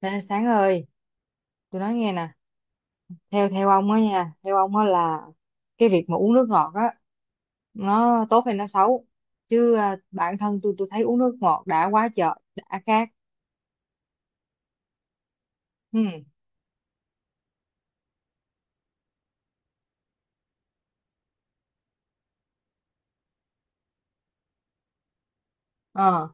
Ê, Sáng ơi, tôi nói nghe nè, theo theo ông á nha, theo ông á là cái việc mà uống nước ngọt á, nó tốt hay nó xấu? Chứ à, bản thân tôi thấy uống nước ngọt đã quá trời, đã khát. Ừ.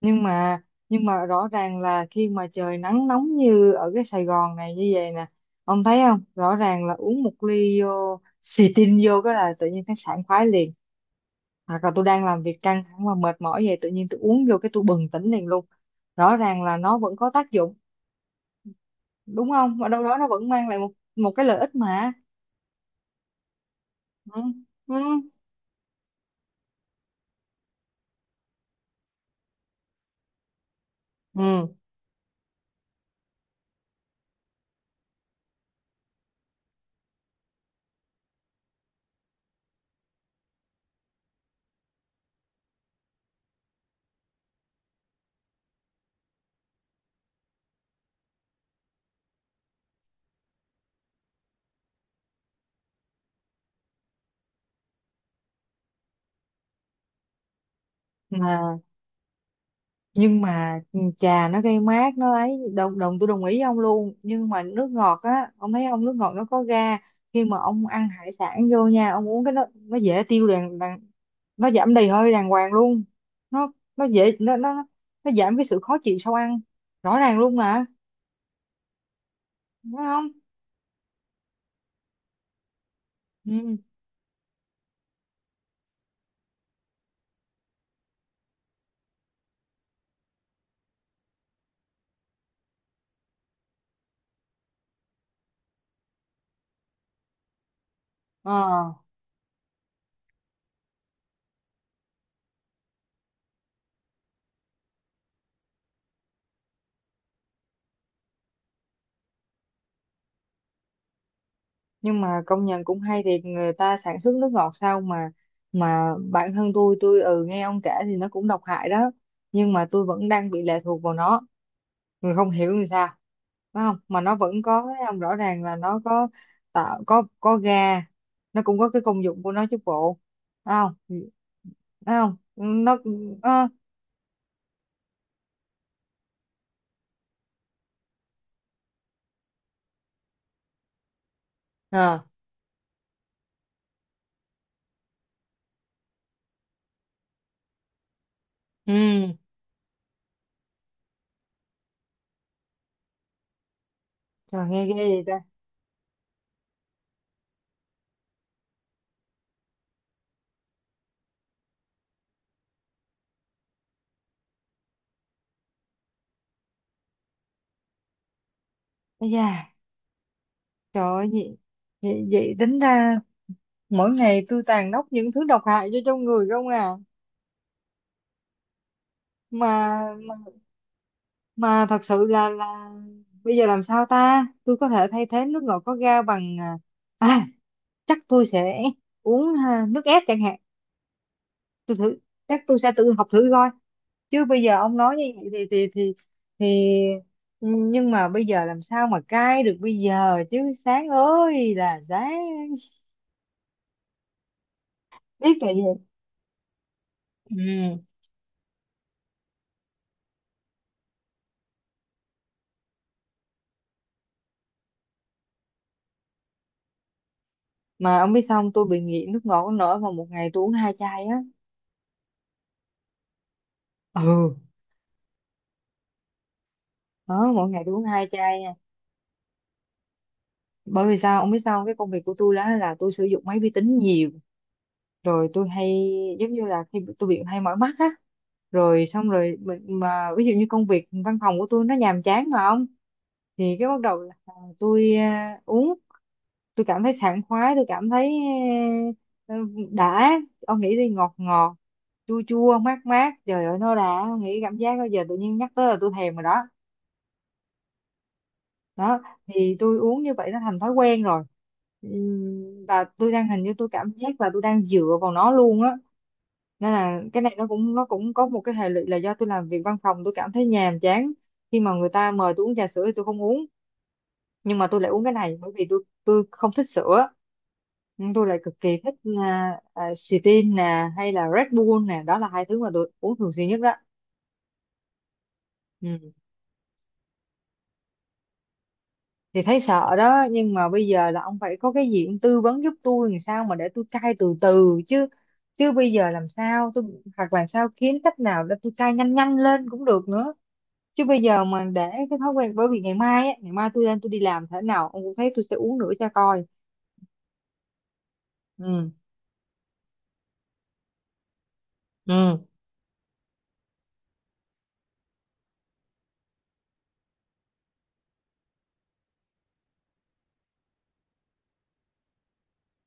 nhưng mà nhưng mà rõ ràng là khi mà trời nắng nóng như ở cái Sài Gòn này như vậy nè, ông thấy không, rõ ràng là uống một ly vô xì tin vô cái là tự nhiên thấy sảng khoái liền, hoặc là tôi đang làm việc căng thẳng và mệt mỏi vậy tự nhiên tôi uống vô cái tôi bừng tỉnh liền luôn. Rõ ràng là nó vẫn có tác dụng, đúng không, ở đâu đó nó vẫn mang lại một một cái lợi ích mà. Ừ. Ừ. Ừ. Mà nhưng mà trà nó gây mát nó ấy, đồng đồng tôi đồng ý ông luôn, nhưng mà nước ngọt á, ông thấy ông, nước ngọt nó có ga, khi mà ông ăn hải sản vô nha ông uống cái nó dễ tiêu đàng, đàng nó giảm đầy hơi đàng hoàng luôn, nó nó dễ nó nó giảm cái sự khó chịu sau ăn, rõ ràng luôn mà, đúng không? Ừ. ờ nhưng mà công nhận cũng hay thiệt, người ta sản xuất nước ngọt sao mà bản thân tôi nghe ông kể thì nó cũng độc hại đó, nhưng mà tôi vẫn đang bị lệ thuộc vào nó, người không hiểu làm sao, phải không, mà nó vẫn có, thấy không, rõ ràng là nó có tạo, có ga, nó cũng có cái công dụng của nó chứ bộ, phải không? Phải không? Nó nó à, ừ trời nghe ghê vậy ta. Ây da, trời ơi, vậy tính ra mỗi ngày tôi tàn nóc những thứ độc hại cho trong người không à. Mà mà, mà, thật sự là bây giờ làm sao ta, tôi có thể thay thế nước ngọt có ga bằng, à, chắc tôi sẽ uống ha, nước ép chẳng hạn, tôi thử, chắc tôi sẽ tự học thử coi, chứ bây giờ ông nói như vậy thì thì nhưng mà bây giờ làm sao mà cai được bây giờ chứ, sáng ơi là sáng, biết là gì. Ừ. Mà ông biết sao không? Tôi bị nghiện nước ngọt nổi mà một ngày tôi uống hai chai á. Ừ. Đó, mỗi ngày tôi uống hai chai nha. Bởi vì sao ông biết sao không? Cái công việc của tôi đó là tôi sử dụng máy vi tính nhiều, rồi tôi hay, giống như là khi tôi bị hay mỏi mắt á, rồi xong rồi mà ví dụ như công việc văn phòng của tôi nó nhàm chán mà không, thì cái bắt đầu là tôi, uống, tôi cảm thấy sảng khoái, tôi cảm thấy, à, đã, ông nghĩ đi, ngọt ngọt chua chua mát mát, trời ơi nó đã, ông nghĩ cảm giác bây giờ tự nhiên nhắc tới là tôi thèm rồi đó. Đó, thì tôi uống như vậy nó thành thói quen rồi. Và tôi đang hình như tôi cảm giác là tôi đang dựa vào nó luôn á, nên là cái này nó cũng, nó cũng có một cái hệ lụy là do tôi làm việc văn phòng tôi cảm thấy nhàm chán. Khi mà người ta mời tôi uống trà sữa thì tôi không uống, nhưng mà tôi lại uống cái này bởi vì tôi không thích sữa, nhưng tôi lại cực kỳ thích nè hay là Red Bull nè, đó là hai thứ mà tôi uống thường xuyên nhất. Đó, thì thấy sợ đó, nhưng mà bây giờ là ông phải có cái gì ông tư vấn giúp tôi làm sao mà để tôi cai từ từ chứ, chứ bây giờ làm sao tôi, hoặc làm sao kiếm cách nào để tôi cai nhanh nhanh lên cũng được nữa, chứ bây giờ mà để cái thói quen, bởi vì ngày mai á, ngày mai tôi lên tôi đi làm thế nào ông cũng thấy tôi sẽ uống nữa cho coi. Ừ. Ừ.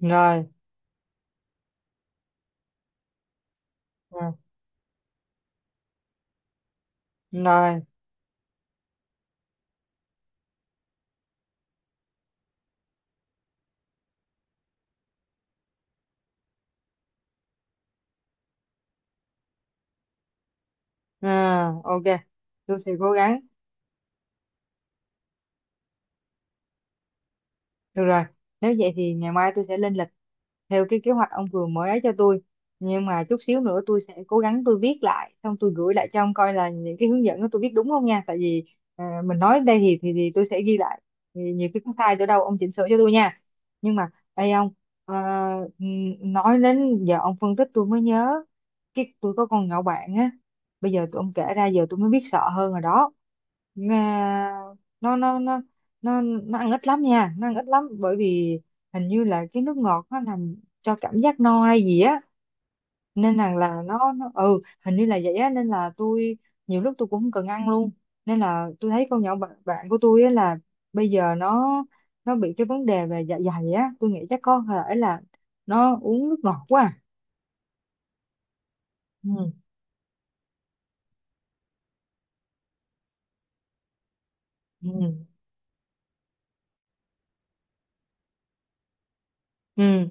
Rồi. Ừ, rồi. Ừ, ok, tôi sẽ cố gắng. Được rồi, nếu vậy thì ngày mai tôi sẽ lên lịch theo cái kế hoạch ông vừa mới ấy cho tôi. Nhưng mà chút xíu nữa tôi sẽ cố gắng tôi viết lại, xong tôi gửi lại cho ông coi là những cái hướng dẫn đó tôi viết đúng không nha. Tại vì, mình nói đây thì, thì tôi sẽ ghi lại. Thì nhiều khi có sai chỗ đâu ông chỉnh sửa cho tôi nha. Nhưng mà đây ông, ờ, nói đến giờ ông phân tích tôi mới nhớ cái tôi có con nhỏ bạn á. Bây giờ tụi ông kể ra giờ tôi mới biết sợ hơn rồi đó. Nga nó nó nó nó ăn ít lắm nha, nó ăn ít lắm bởi vì hình như là cái nước ngọt nó làm cho cảm giác no hay gì á, nên rằng là nó hình như là vậy á, nên là tôi nhiều lúc tôi cũng không cần ăn luôn, nên là tôi thấy con nhỏ bạn của tôi á là bây giờ nó bị cái vấn đề về dạ dày á, tôi nghĩ chắc có thể là nó uống nước ngọt quá à. Ừ. Ừ. Ừ.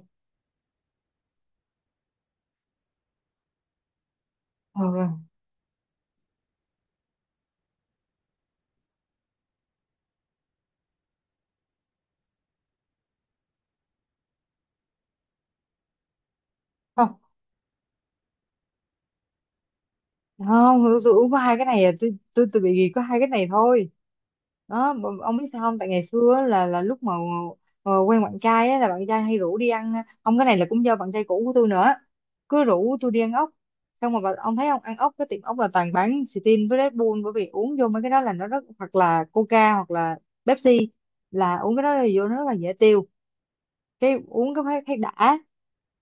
Ừ. Không, tôi uống có hai cái này à, tôi tôi bị gì có hai cái này thôi. Đó, mà ông biết sao không, tại ngày xưa á, là lúc mà quen bạn trai á, là bạn trai hay rủ đi ăn, ông, cái này là cũng do bạn trai cũ của tôi nữa, cứ rủ tôi đi ăn ốc, xong rồi ông thấy, ông ăn ốc cái tiệm ốc là toàn bán Sting với Red Bull, bởi vì uống vô mấy cái đó là nó rất, hoặc là Coca hoặc là Pepsi, là uống cái đó là vô nó rất là dễ tiêu, cái uống cái thấy, thấy đã.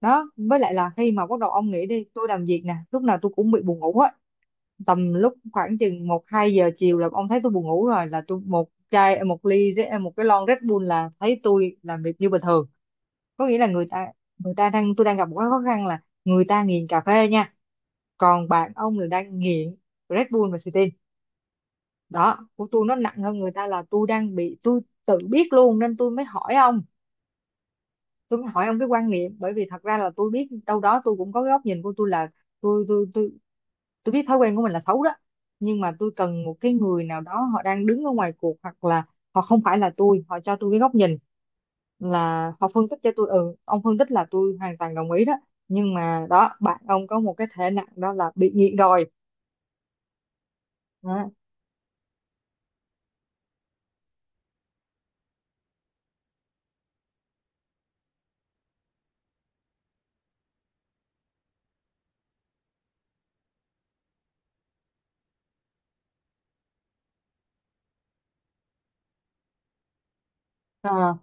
Đó, với lại là khi mà bắt đầu ông nghĩ đi, tôi làm việc nè lúc nào tôi cũng bị buồn ngủ á, tầm lúc khoảng chừng một hai giờ chiều là ông thấy tôi buồn ngủ rồi, là tôi một chai một ly một cái lon Red Bull là thấy tôi làm việc như bình thường, có nghĩa là người ta, người ta đang, tôi đang gặp một cái khó khăn là người ta nghiền cà phê nha, còn bạn ông là đang nghiện Red Bull và Sting. Đó, của tôi nó nặng hơn người ta, là tôi đang bị, tôi tự biết luôn nên tôi mới hỏi ông, tôi mới hỏi ông cái quan niệm bởi vì thật ra là tôi biết đâu đó tôi cũng có cái góc nhìn của tôi là tôi tôi biết thói quen của mình là xấu đó, nhưng mà tôi cần một cái người nào đó họ đang đứng ở ngoài cuộc hoặc là họ không phải là tôi, họ cho tôi cái góc nhìn, là họ phân tích cho tôi, ừ ông phân tích là tôi hoàn toàn đồng ý đó, nhưng mà đó bạn ông có một cái thể nặng đó là bị nghiện rồi. Đó. Ờ,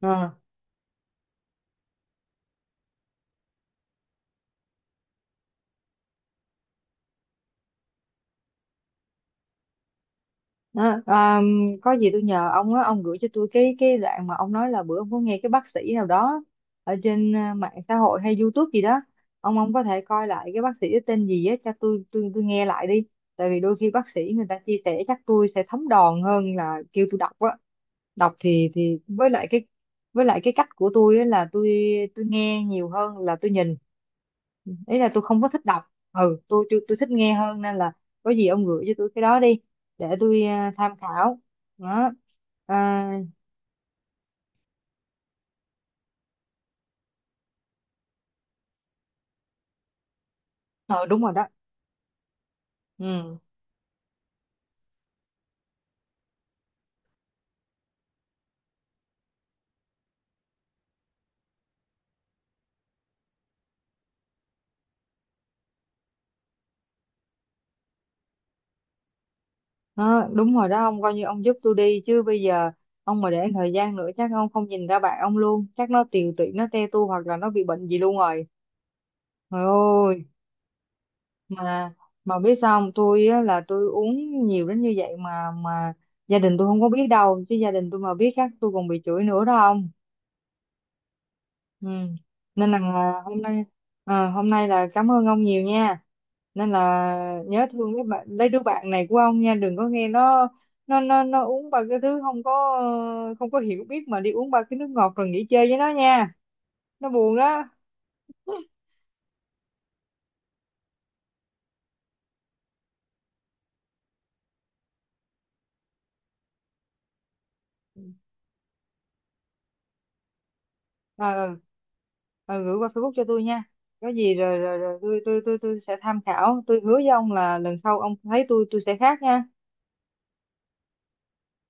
ờ. Đó, có gì tôi nhờ ông á, ông gửi cho tôi cái đoạn mà ông nói là bữa ông có nghe cái bác sĩ nào đó ở trên, mạng xã hội hay YouTube gì đó, ông có thể coi lại cái bác sĩ đó tên gì á cho tôi, tôi nghe lại đi, tại vì đôi khi bác sĩ người ta chia sẻ chắc tôi sẽ thấm đòn hơn là kêu tôi đọc á, đọc thì với lại cái, với lại cái cách của tôi á là tôi nghe nhiều hơn là tôi nhìn. Ừ, ý là tôi không có thích đọc, ừ tôi tôi thích nghe hơn, nên là có gì ông gửi cho tôi cái đó đi để tôi, tham khảo. Đó. À, ờ đúng rồi đó. Ừ. Đó, đúng rồi đó, ông coi như ông giúp tôi đi chứ bây giờ ông mà để thời gian nữa chắc ông không nhìn ra bạn ông luôn, chắc nó tiều tụy, nó te tua hoặc là nó bị bệnh gì luôn rồi, trời ơi. Mà, biết sao không, tôi á, là tôi uống nhiều đến như vậy mà gia đình tôi không có biết đâu, chứ gia đình tôi mà biết chắc tôi còn bị chửi nữa đó. Ừ. Nên là, hôm nay, à, hôm nay là cảm ơn ông nhiều nha. Nên là nhớ thương mấy bạn, lấy đứa bạn này của ông nha, đừng có nghe nó, nó uống ba cái thứ không có, không có hiểu biết mà đi uống ba cái nước ngọt rồi nghỉ chơi với nó nha. Nó buồn đó. Ờ, ờ. Ờ, gửi qua Facebook cho tôi nha. Có gì rồi, rồi tôi sẽ tham khảo, tôi hứa với ông là lần sau ông thấy tôi sẽ khác nha.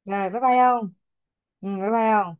Rồi bye bye ông. Ừ bye bye ông.